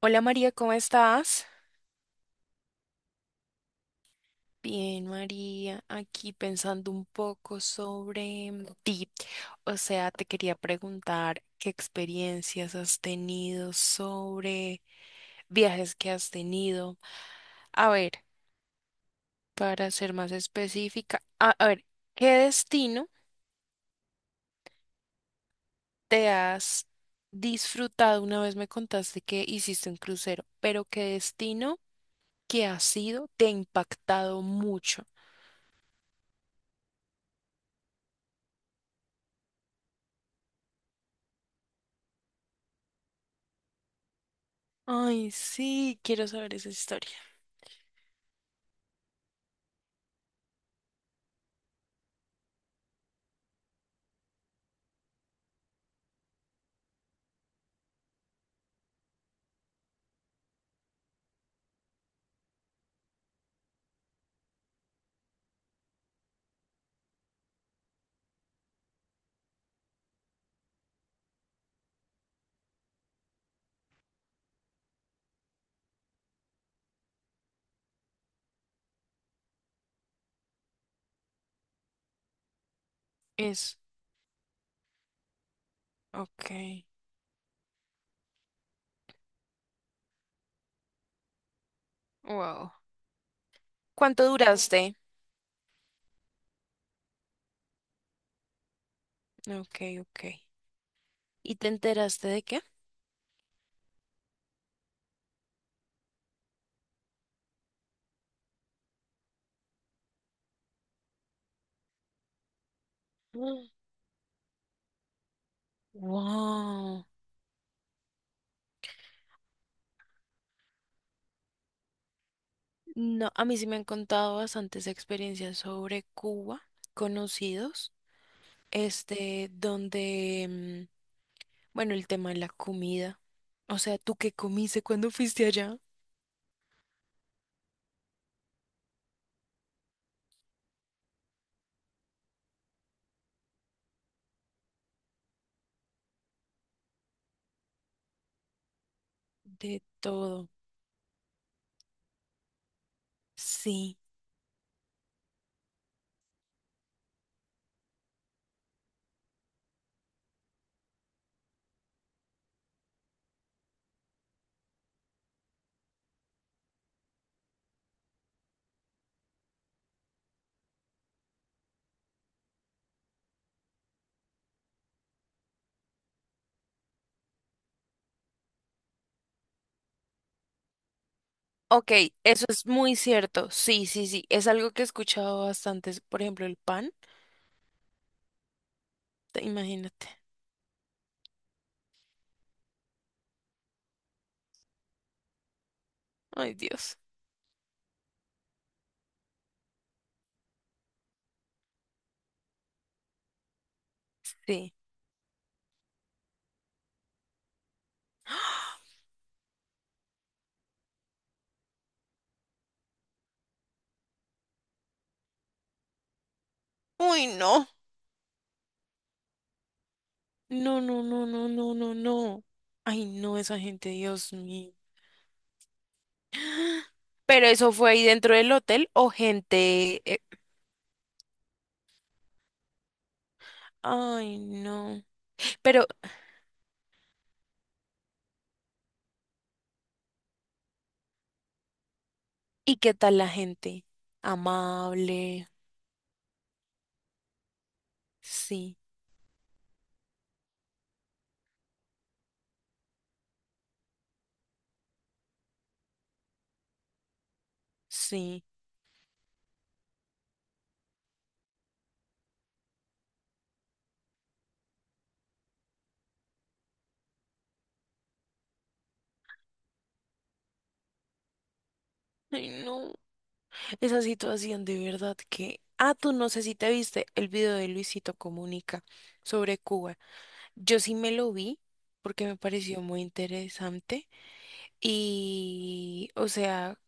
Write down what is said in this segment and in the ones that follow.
Hola María, ¿cómo estás? Bien, María, aquí pensando un poco sobre ti. O sea, te quería preguntar qué experiencias has tenido sobre viajes que has tenido. A ver, para ser más específica, a ver, ¿qué destino te has disfrutado? Una vez me contaste que hiciste un crucero, pero ¿qué destino que has sido te ha impactado mucho? Ay, sí, quiero saber esa historia. Es, ok. Wow. ¿Cuánto duraste? Ok, ok. ¿Y te enteraste de qué? Mm. Wow. No, a mí sí me han contado bastantes experiencias sobre Cuba, conocidos, este, donde, bueno, el tema de la comida. O sea, ¿tú qué comiste cuando fuiste allá? De todo. Sí. Ok, eso es muy cierto. Sí, sí, sí. Es algo que he escuchado bastante. Por ejemplo, el pan. Imagínate. Ay, Dios. Sí. Uy, no. No, no, no, no, no, no, no. Ay, no, esa gente, Dios mío. Pero eso fue ahí dentro del hotel o gente. Ay, no. Pero, ¿y qué tal la gente? Amable. Sí, sí. Ay, no. Esa situación de verdad que. Ah, tú no sé si te viste el video de Luisito Comunica sobre Cuba. Yo sí me lo vi porque me pareció muy interesante. Y, o sea,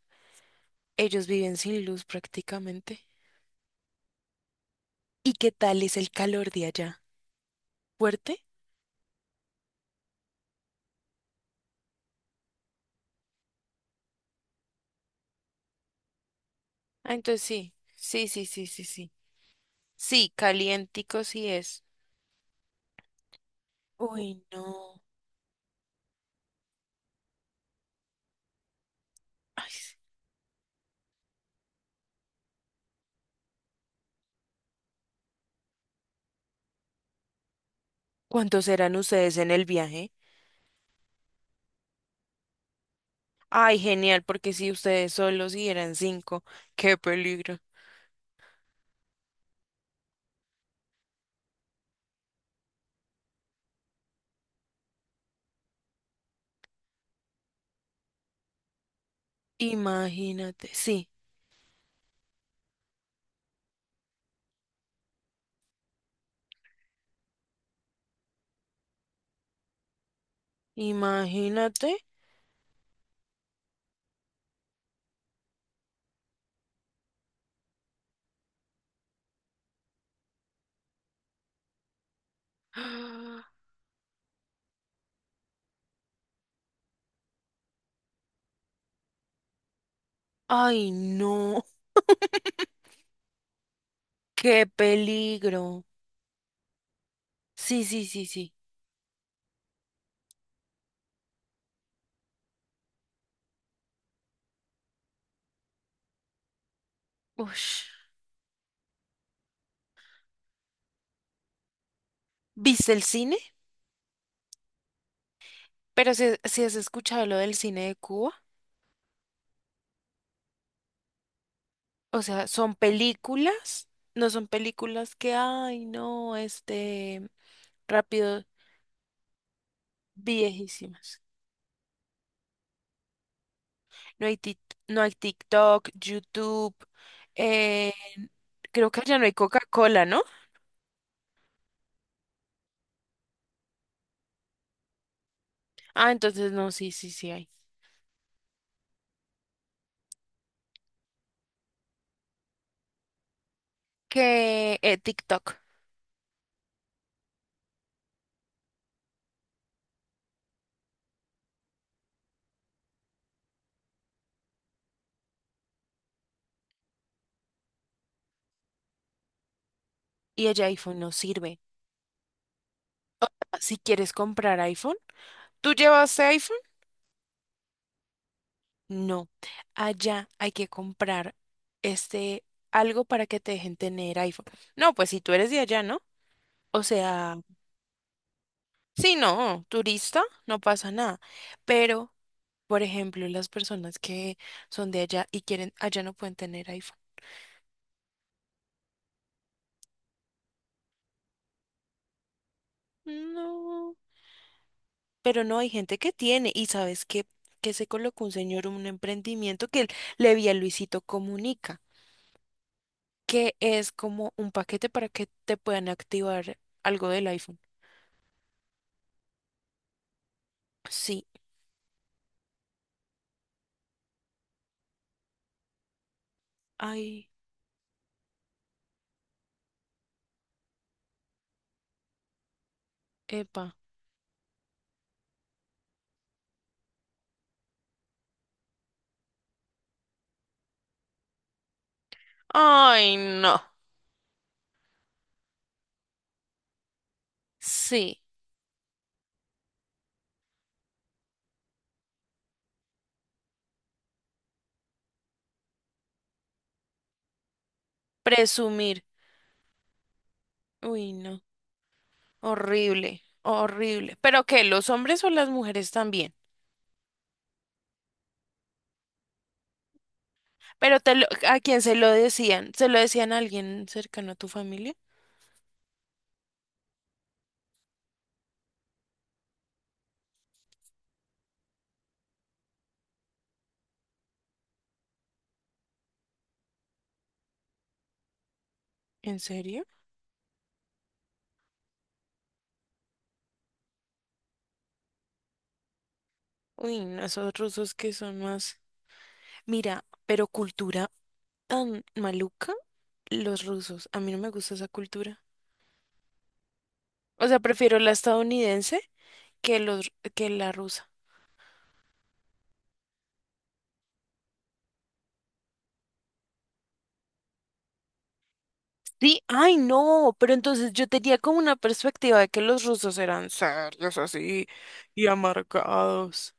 ellos viven sin luz prácticamente. ¿Y qué tal es el calor de allá? ¿Fuerte? Ah, entonces sí, sí, sí, sí, sí, sí. Sí, calientico sí es. Uy, no. Ay, sí. ¿Cuántos serán ustedes en el viaje? Ay, genial, porque si ustedes solos y eran cinco, qué peligro. Imagínate, sí, imagínate. Ay, no, qué peligro. Sí, sí, sí, sí. Ush. ¿Viste el cine? Pero si, si has escuchado lo del cine de Cuba, o sea, son películas, no son películas que, ay, no, este, rápido, viejísimas. No hay, no hay TikTok, YouTube, eh, creo que allá no hay Coca-Cola, ¿no? Ah, entonces no, sí, sí, sí hay. Que TikTok y el iPhone no sirve. Si quieres comprar iPhone, ¿tú llevas iPhone? No, allá hay que comprar este algo para que te dejen tener iPhone. No, pues si tú eres de allá, ¿no? O sea, sí, no, turista, no pasa nada. Pero, por ejemplo, las personas que son de allá y quieren, allá no pueden tener iPhone. No, pero no hay gente que tiene. Y sabes que se colocó un señor un emprendimiento que él le vi a Luisito Comunica, que es como un paquete para que te puedan activar algo del iPhone. Sí, ay, epa. Ay, no. Sí, presumir. Uy, no. Horrible, horrible. ¿Pero qué? ¿Los hombres o las mujeres también? ¿Pero te lo- a quién se lo decían? ¿Se lo decían a alguien cercano a tu familia? ¿En serio? Uy, no, esos rusos que son más... Mira, pero cultura tan maluca, los rusos. A mí no me gusta esa cultura. O sea, prefiero la estadounidense que los que la rusa. Sí, ay no, pero entonces yo tenía como una perspectiva de que los rusos eran serios así y amargados.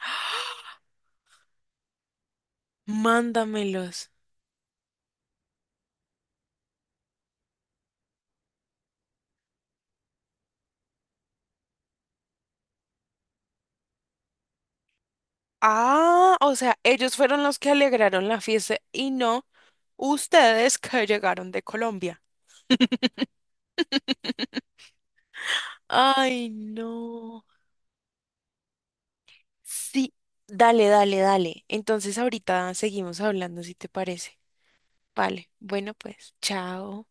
Mándamelos. Ah, o sea, ellos fueron los que alegraron la fiesta y no ustedes que llegaron de Colombia. Ay, no. Sí, dale, dale, dale. Entonces ahorita seguimos hablando si te parece. Vale, bueno pues, chao.